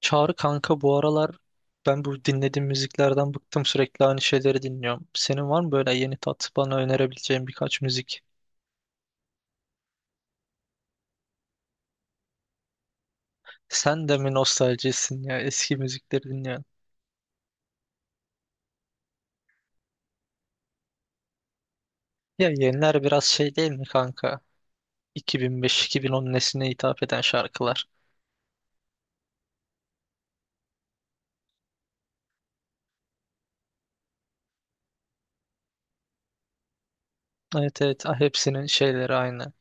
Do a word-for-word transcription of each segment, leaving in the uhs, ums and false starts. Çağrı kanka bu aralar ben bu dinlediğim müziklerden bıktım, sürekli aynı şeyleri dinliyorum. Senin var mı böyle yeni tat bana önerebileceğin birkaç müzik? Sen de mi nostaljisin ya, eski müzikleri dinliyorsun? Ya yeniler biraz şey değil mi kanka? iki bin beş-iki bin on nesline hitap eden şarkılar. Evet evet. Ah, hepsinin şeyleri aynı.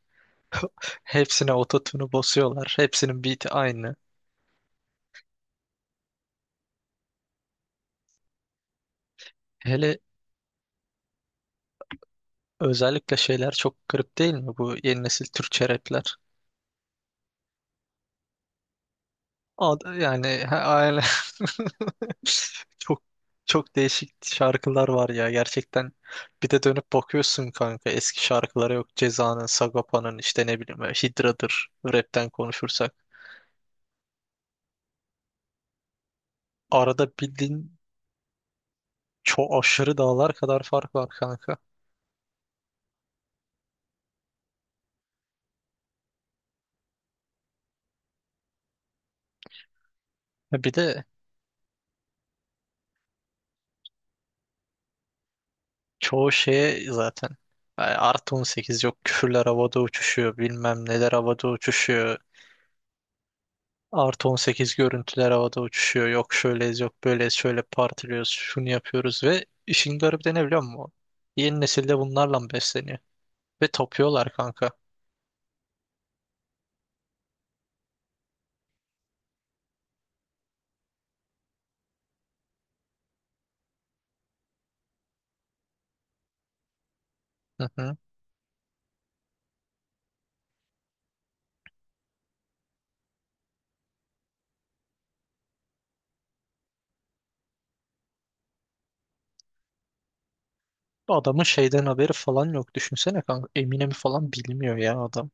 Hepsine ototune'u basıyorlar. Hepsinin beat'i aynı. Hele özellikle şeyler çok garip değil mi bu yeni nesil Türkçe rapler? Ad- Yani ha- aile çok çok değişik şarkılar var ya gerçekten. Bir de dönüp bakıyorsun kanka, eski şarkılara yok. Ceza'nın, Sagopa'nın, işte ne bileyim hidradır rapten konuşursak. Arada bildiğin çok aşırı dağlar kadar fark var kanka. E, Bir de çoğu şeye zaten yani artı on sekiz yok, küfürler havada uçuşuyor, bilmem neler havada uçuşuyor. Artı on sekiz görüntüler havada uçuşuyor. Yok şöyleyiz, yok böyleyiz, şöyle partiliyoruz, şunu yapıyoruz ve işin garibi de ne biliyor musun? Yeni nesilde bunlarla besleniyor. Ve tapıyorlar kanka. Hı hı. Adamın şeyden haberi falan yok. Düşünsene kanka. Eminem'i falan bilmiyor ya adam.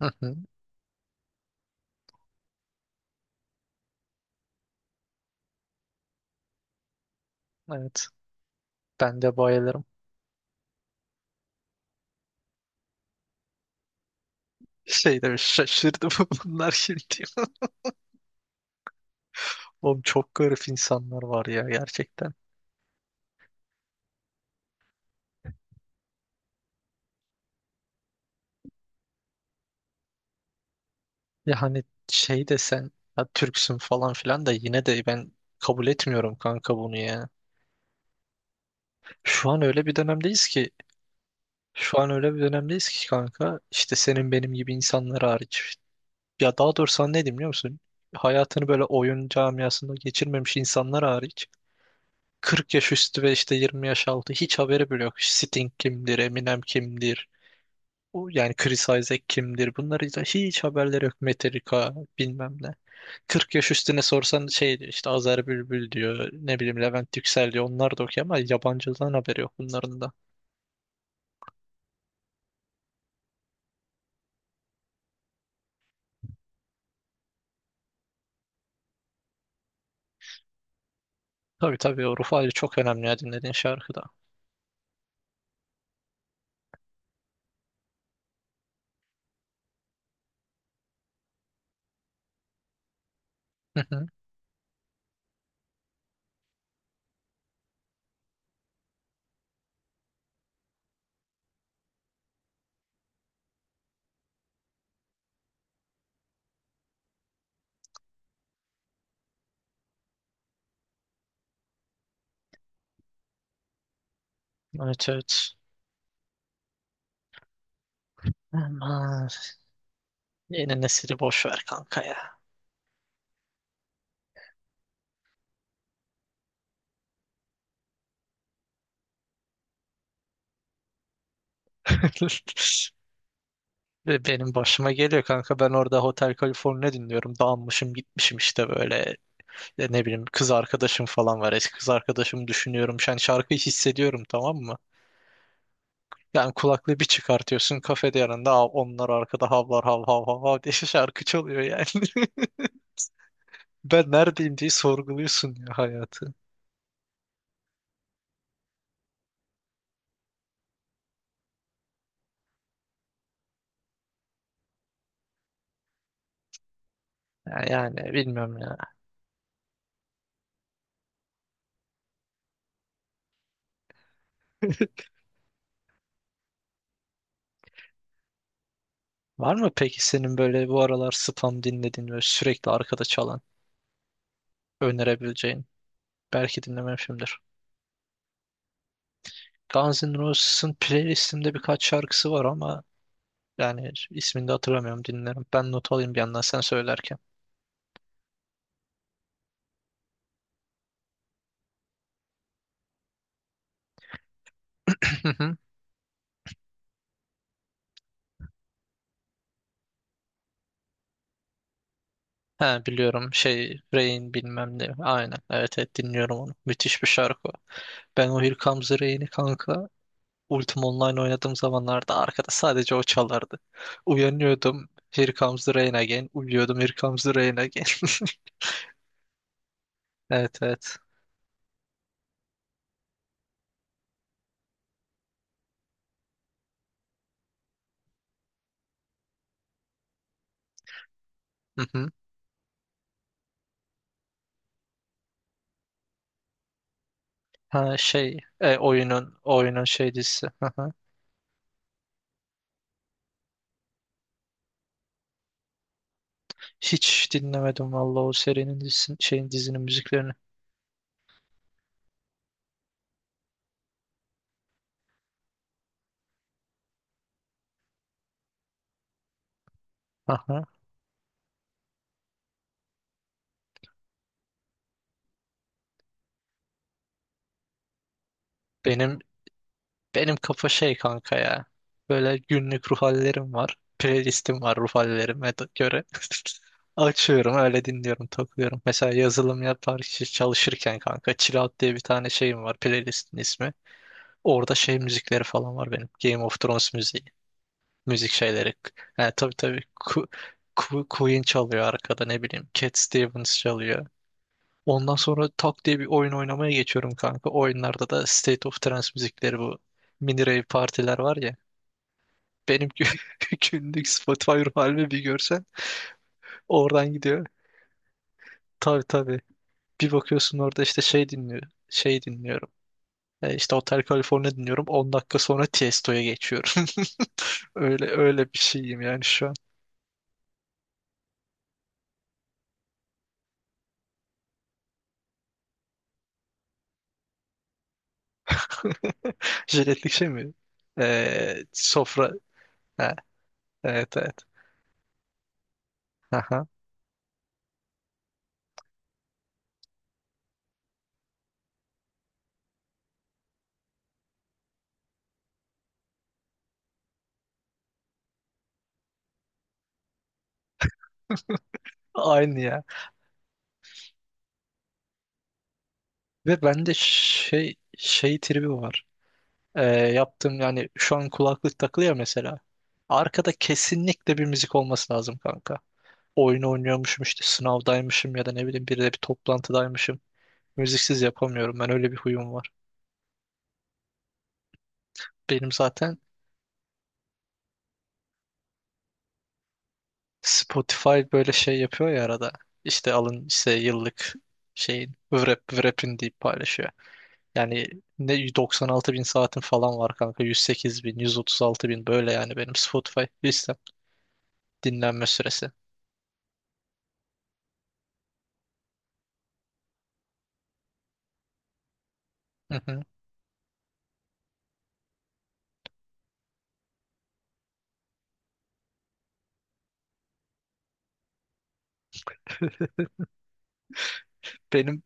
Hı hı. Evet. Ben de bayılırım. Şey demiş, şaşırdım bunlar şimdi. Oğlum çok garip insanlar var ya gerçekten. Ya hani şey desen, ya Türksün falan filan, da yine de ben kabul etmiyorum kanka bunu ya. Şu an öyle bir dönemdeyiz ki şu an öyle bir dönemdeyiz ki kanka, işte senin benim gibi insanlar hariç. Ya daha doğrusu sana ne diyeyim biliyor musun? Hayatını böyle oyun camiasında geçirmemiş insanlar hariç kırk yaş üstü ve işte yirmi yaş altı hiç haberi bile yok. Sting kimdir, Eminem kimdir, o yani Chris Isaac kimdir, bunları da hiç haberleri yok. Metallica bilmem ne. kırk yaş üstüne sorsan şey diyor, işte Azer Bülbül diyor, ne bileyim Levent Yüksel diyor, onlar da okuyor ama yabancıdan haberi yok bunların da. Tabii tabii, o ruh hali çok önemli ya dinlediğin şarkıda. Hı hı. Evet evet. Aman. Yeni nesili boş ver kanka ya. Ve benim başıma geliyor kanka, ben orada Hotel California dinliyorum, dağılmışım gitmişim işte böyle. E, ne bileyim kız arkadaşım falan var, eski kız arkadaşımı düşünüyorum, yani şarkıyı hissediyorum, tamam mı? Yani kulaklığı bir çıkartıyorsun kafede, yanında "Aa, onlar arkada havlar, hav hav hav hav" diye şarkı çalıyor yani. Ben neredeyim diye sorguluyorsun ya hayatı. Ya yani, bilmiyorum ya. Var mı peki senin böyle bu aralar spam dinlediğin ve sürekli arkada çalan önerebileceğin? Belki dinlememişimdir. Guns N' Roses'ın playlistimde birkaç şarkısı var ama yani ismini de hatırlamıyorum, dinlerim. Ben not alayım bir yandan sen söylerken. He biliyorum, şey Rain bilmem ne. Aynen, evet evet, dinliyorum onu. Müthiş bir şarkı o. Ben o Here Comes the Rain'i kanka Ultima Online oynadığım zamanlarda arkada sadece o çalardı. Uyanıyordum Here Comes the Rain Again. Uyuyordum Here Comes the Rain Again. Evet evet. Hı hı. Ha şey, e, oyunun oyunun şey dizisi. Hı hı. Hiç dinlemedim vallahi o serinin dizisinin şeyin dizinin müziklerini. Hı hı. Benim Benim kafa şey kanka ya. Böyle günlük ruh hallerim var. Playlistim var ruh hallerime de- göre. Açıyorum, öyle dinliyorum, takılıyorum. Mesela yazılım yapar çalışırken kanka Chill Out diye bir tane şeyim var, playlistin ismi. Orada şey müzikleri falan var benim. Game of Thrones müziği. Müzik şeyleri. Yani tabii tabii, Ku- Ku- Queen çalıyor arkada, ne bileyim. Cat Stevens çalıyor. Ondan sonra tak diye bir oyun oynamaya geçiyorum kanka. Oyunlarda da State of Trance müzikleri, bu mini rave partiler var ya, benim gü- günlük Spotify halimi bir görsen oradan gidiyor. Tabii tabii. Bir bakıyorsun orada işte şey dinliyor. Şey dinliyorum. E, işte Hotel California dinliyorum. On dakika sonra Tiesto'ya geçiyorum. Öyle öyle bir şeyim yani şu an. Jiletlik şey mi? E, sofra. Ha, evet evet. Aha. Aynı ya. Ve bende şey şey tribi var. E, yaptığım yani şu an kulaklık takılı ya mesela. Arkada kesinlikle bir müzik olması lazım kanka. Oyun oynuyormuşum, işte sınavdaymışım ya da ne bileyim biriyle bir toplantıdaymışım. Müziksiz yapamıyorum. Ben öyle bir huyum var. Benim zaten Spotify böyle şey yapıyor ya arada. İşte alın işte yıllık şeyin vrap vrap'in deyip paylaşıyor. Yani ne doksan altı bin saatin falan var kanka. yüz sekiz bin, yüz otuz altı bin, böyle yani benim Spotify listem dinlenme süresi. Hı hı. Benim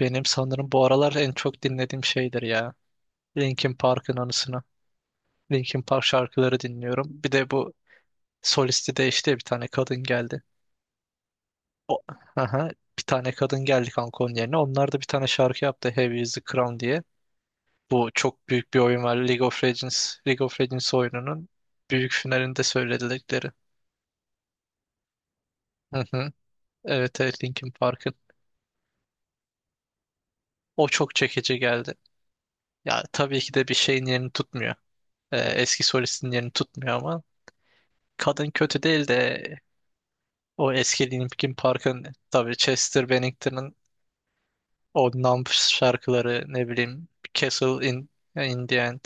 benim sanırım bu aralar en çok dinlediğim şeydir ya. Linkin Park'ın anısına. Linkin Park şarkıları dinliyorum. Bir de bu solisti de işte bir tane kadın geldi. O, aha, bir tane kadın geldi kanka onun yerine. Onlar da bir tane şarkı yaptı, Heavy is the Crown diye. Bu çok büyük bir oyun var. League of Legends, League of Legends oyununun büyük finalinde söyledikleri. Hı hı. Evet evet, Linkin Park'ın. O çok çekici geldi. Ya tabii ki de bir şeyin yerini tutmuyor. Ee, eski solistin yerini tutmuyor ama kadın kötü değil de o eski Linkin Park'ın, tabii Chester Bennington'ın. O Numb şarkıları, ne bileyim, Castle in, in the End.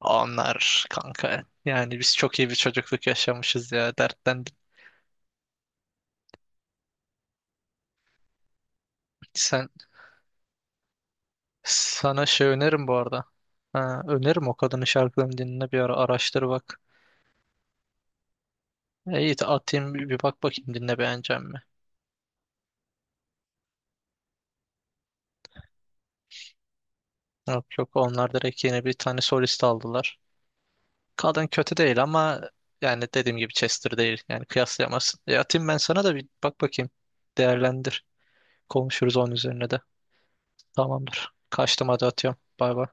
Onlar kanka. Yani biz çok iyi bir çocukluk yaşamışız ya. Dertten sen sana şey öneririm bu arada. Ha, öneririm o kadının şarkılarını dinle bir ara, araştır bak. E, İyi de atayım bir bir bak bakayım, dinle beğeneceğim mi? Yok yok, onlar direkt yeni bir tane solist aldılar. Kadın kötü değil ama yani dediğim gibi Chester değil. Yani kıyaslayamazsın. E atayım ben sana da, bir bak bakayım. Değerlendir. Konuşuruz onun üzerine de. Tamamdır. Kaçtım hadi, atıyorum. Bay bay.